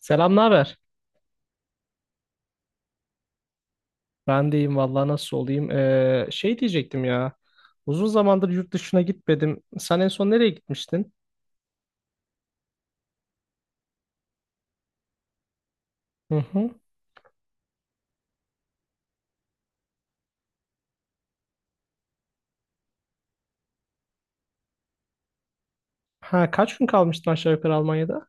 Selam, ne haber? Ben de iyiyim vallahi nasıl olayım? Şey diyecektim ya. Uzun zamandır yurt dışına gitmedim. Sen en son nereye gitmiştin? Hı hı. Ha, kaç gün kalmıştın aşağı yukarı Almanya'da?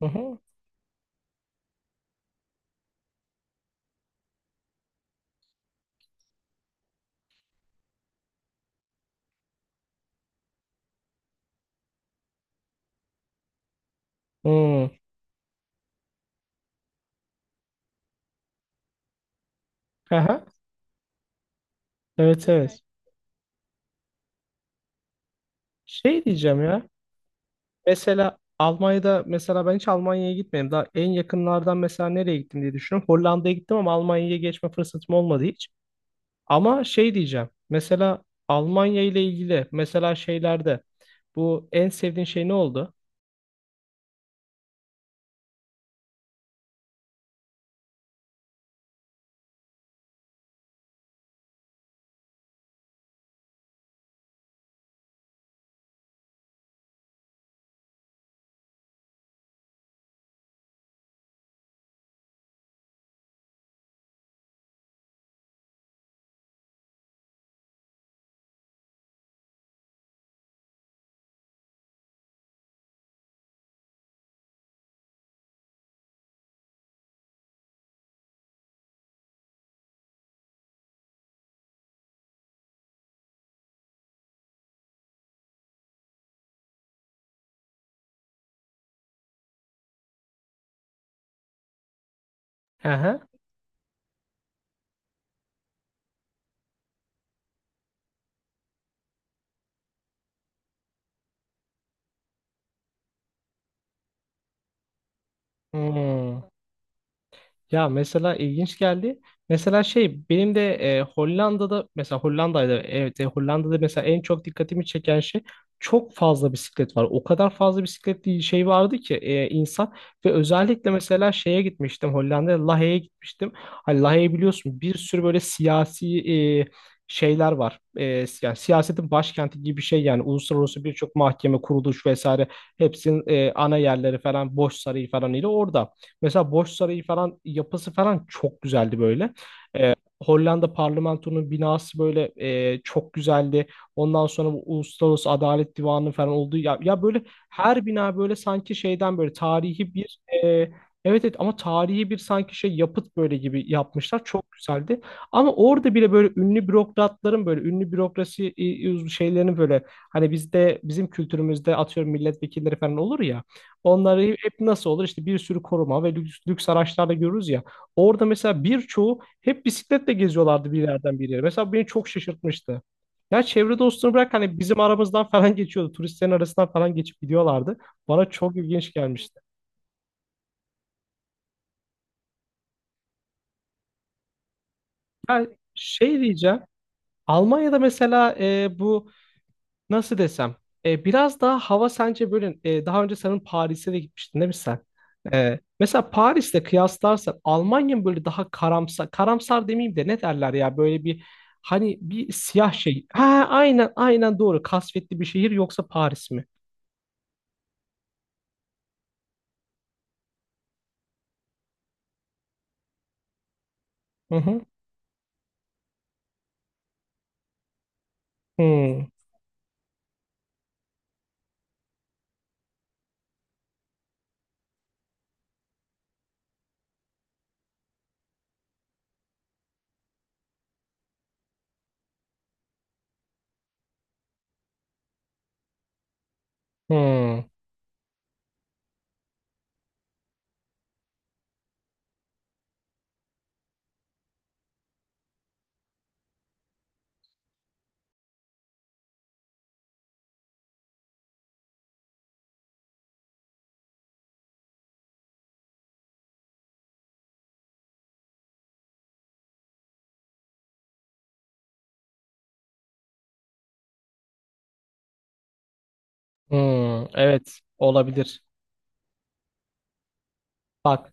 Hı hı. Hmm. Aha. Evet evet. Şey diyeceğim ya. Mesela Almanya'da ben hiç Almanya'ya gitmedim. Daha en yakınlardan mesela nereye gittim diye düşünüyorum. Hollanda'ya gittim ama Almanya'ya geçme fırsatım olmadı hiç. Ama şey diyeceğim. Mesela Almanya ile ilgili mesela şeylerde bu en sevdiğin şey ne oldu? Hı hı. Hmm. Ya mesela ilginç geldi. Mesela şey benim de Hollanda'da evet Hollanda'da mesela en çok dikkatimi çeken şey çok fazla bisiklet var. O kadar fazla bisikletli şey vardı ki insan ve özellikle mesela şeye gitmiştim Hollanda'ya Lahey'e gitmiştim. Hani Lahey'i biliyorsun bir sürü böyle siyasi şeyler var. Yani siyasetin başkenti gibi bir şey, yani uluslararası birçok mahkeme, kuruluş vesaire hepsinin ana yerleri falan Boş Sarayı falan ile orada. Mesela Boş Sarayı falan yapısı falan çok güzeldi böyle. Hollanda parlamentonun binası böyle çok güzeldi. Ondan sonra bu Uluslararası Adalet Divanı falan oldu. Ya böyle her bina böyle sanki şeyden böyle tarihi bir evet evet, ama tarihi bir sanki şey yapıt böyle gibi yapmışlar. Çok güzeldi. Ama orada bile böyle ünlü bürokratların böyle ünlü bürokrasi şeylerini böyle, hani bizde bizim kültürümüzde atıyorum milletvekilleri falan olur ya. Onları hep nasıl olur? işte bir sürü koruma ve lüks, lüks araçlarda görürüz ya. Orada mesela birçoğu hep bisikletle geziyorlardı bir yerden bir yere. Mesela beni çok şaşırtmıştı. Ya çevre dostunu bırak, hani bizim aramızdan falan geçiyordu. Turistlerin arasından falan geçip gidiyorlardı. Bana çok ilginç gelmişti. Ya şey diyeceğim. Almanya'da mesela bu nasıl desem? Biraz daha hava sence böyle, daha önce senin Paris'e de gitmiştin değil mi sen? Mesela Paris'le kıyaslarsan Almanya mı böyle daha karamsar, karamsar demeyeyim de ne derler ya böyle bir, hani bir siyah şey. Ha aynen aynen doğru. Kasvetli bir şehir, yoksa Paris mi? Hı hı. Hmm, hmm, hmm. Evet olabilir. Bak.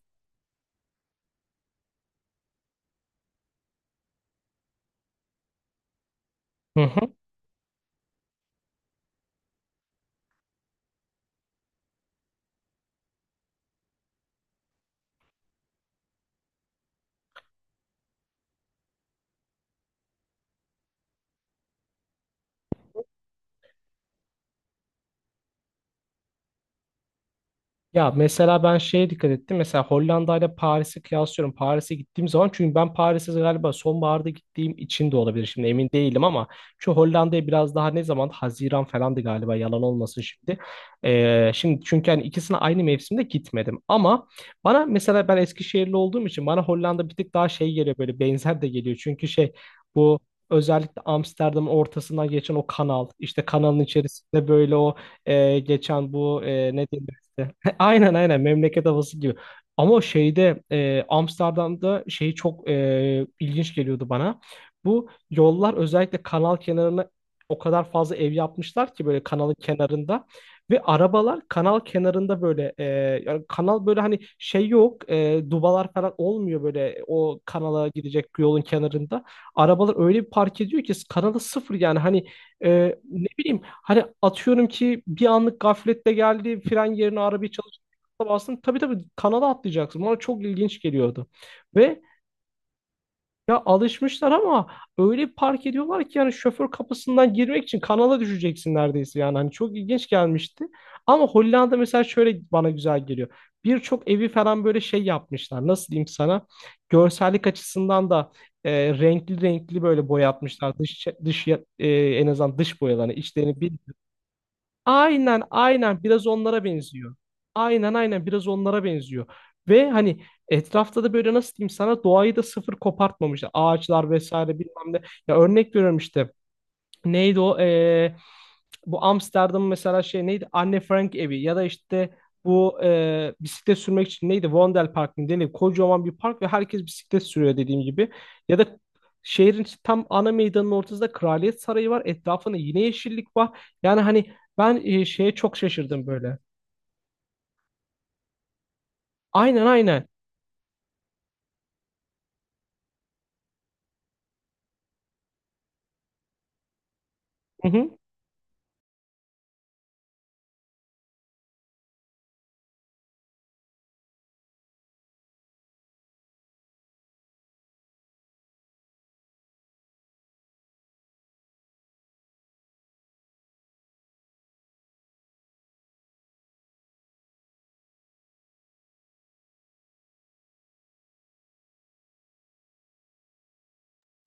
Ya mesela ben şeye dikkat ettim. Mesela Hollanda ile Paris'i kıyaslıyorum. Paris'e gittiğim zaman, çünkü ben Paris'e galiba sonbaharda gittiğim için de olabilir. Şimdi emin değilim ama şu Hollanda'ya biraz daha ne zaman? Haziran falandı galiba, yalan olmasın şimdi. Şimdi çünkü hani ikisine aynı mevsimde gitmedim. Ama bana mesela, ben Eskişehirli olduğum için bana Hollanda bir tık daha şey geliyor, böyle benzer de geliyor. Çünkü şey, bu özellikle Amsterdam'ın ortasından geçen o kanal, işte kanalın içerisinde böyle o ne diyeyim, aynen aynen memleket havası gibi. Ama şeyde Amsterdam'da şey çok ilginç geliyordu bana. Bu yollar, özellikle kanal kenarına, o kadar fazla ev yapmışlar ki böyle kanalın kenarında, ve arabalar kanal kenarında böyle yani kanal, böyle hani şey yok, dubalar falan olmuyor böyle o kanala gidecek yolun kenarında. Arabalar öyle bir park ediyor ki kanalı sıfır, yani hani ne bileyim, hani atıyorum ki bir anlık gafletle geldi, fren yerine arabayı çalıştırdı, bastın, tabii tabii kanala atlayacaksın. Bana çok ilginç geliyordu. Ve ya alışmışlar ama öyle bir park ediyorlar ki yani şoför kapısından girmek için kanala düşeceksin neredeyse yani. Hani çok ilginç gelmişti. Ama Hollanda mesela şöyle bana güzel geliyor. Birçok evi falan böyle şey yapmışlar. Nasıl diyeyim sana? Görsellik açısından da e, renkli renkli böyle boyatmışlar. Dış, dış en azından dış boyalarını. İçlerini bir, aynen aynen biraz onlara benziyor. Aynen aynen biraz onlara benziyor. Ve hani etrafta da böyle nasıl diyeyim sana, doğayı da sıfır kopartmamışlar. Ağaçlar vesaire bilmem ne. Ya örnek veriyorum işte. Neydi o? Bu Amsterdam mesela, şey neydi? Anne Frank evi, ya da işte bu bisiklet sürmek için neydi? Wondel Park mı denir? Kocaman bir park ve herkes bisiklet sürüyor, dediğim gibi. Ya da şehrin tam ana meydanının ortasında Kraliyet Sarayı var. Etrafında yine yeşillik var. Yani hani ben şeye çok şaşırdım böyle. Aynen aynen. Hı hı.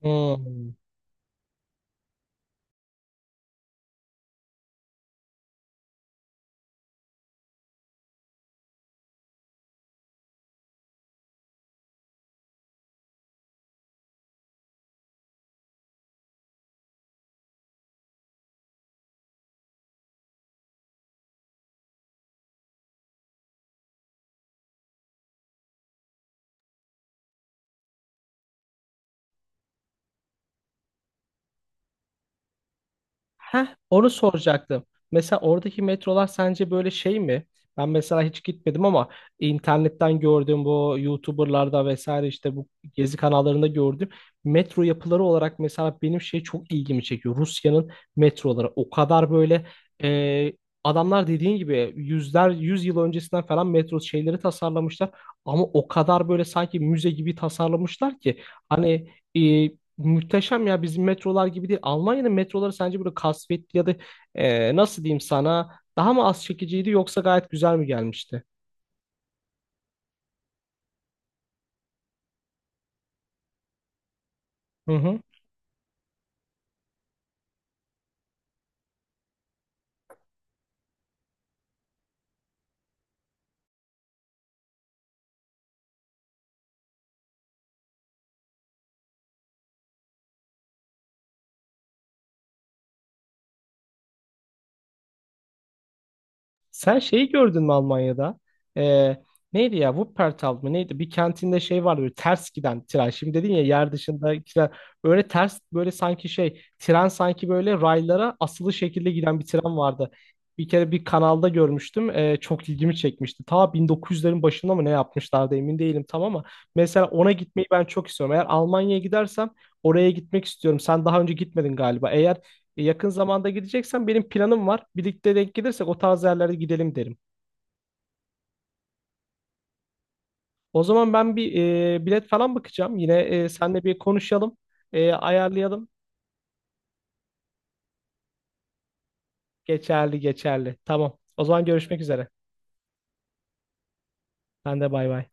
Hmm. Heh, onu soracaktım. Mesela oradaki metrolar sence böyle şey mi? Ben mesela hiç gitmedim ama internetten gördüm, bu YouTuber'larda vesaire, işte bu gezi kanallarında gördüm. Metro yapıları olarak mesela benim şey çok ilgimi çekiyor. Rusya'nın metroları o kadar böyle e, adamlar dediğin gibi yüzler yüz yıl öncesinden falan metro şeyleri tasarlamışlar. Ama o kadar böyle sanki müze gibi tasarlamışlar ki hani e, muhteşem ya, bizim metrolar gibi değil. Almanya'nın metroları sence böyle kasvetli ya da nasıl diyeyim sana, daha mı az çekiciydi yoksa gayet güzel mi gelmişti? Hı hı. Sen şeyi gördün mü Almanya'da? Ee, Neydi ya? Wuppertal mı? Neydi? Bir kantinde şey vardı, böyle ters giden tren. Şimdi dedin ya, yer dışında tren. Böyle ters böyle sanki şey tren, sanki böyle raylara asılı şekilde giden bir tren vardı. Bir kere bir kanalda görmüştüm. Çok ilgimi çekmişti. Ta 1900'lerin başında mı ne yapmışlardı emin değilim tam, ama mesela ona gitmeyi ben çok istiyorum. Eğer Almanya'ya gidersem oraya gitmek istiyorum. Sen daha önce gitmedin galiba. Eğer yakın zamanda gideceksen benim planım var. Birlikte denk gelirsek o tarz yerlere gidelim derim. O zaman ben bir bilet falan bakacağım. Yine seninle bir konuşalım, ayarlayalım. Geçerli, geçerli. Tamam. O zaman görüşmek üzere. Ben de bay bay.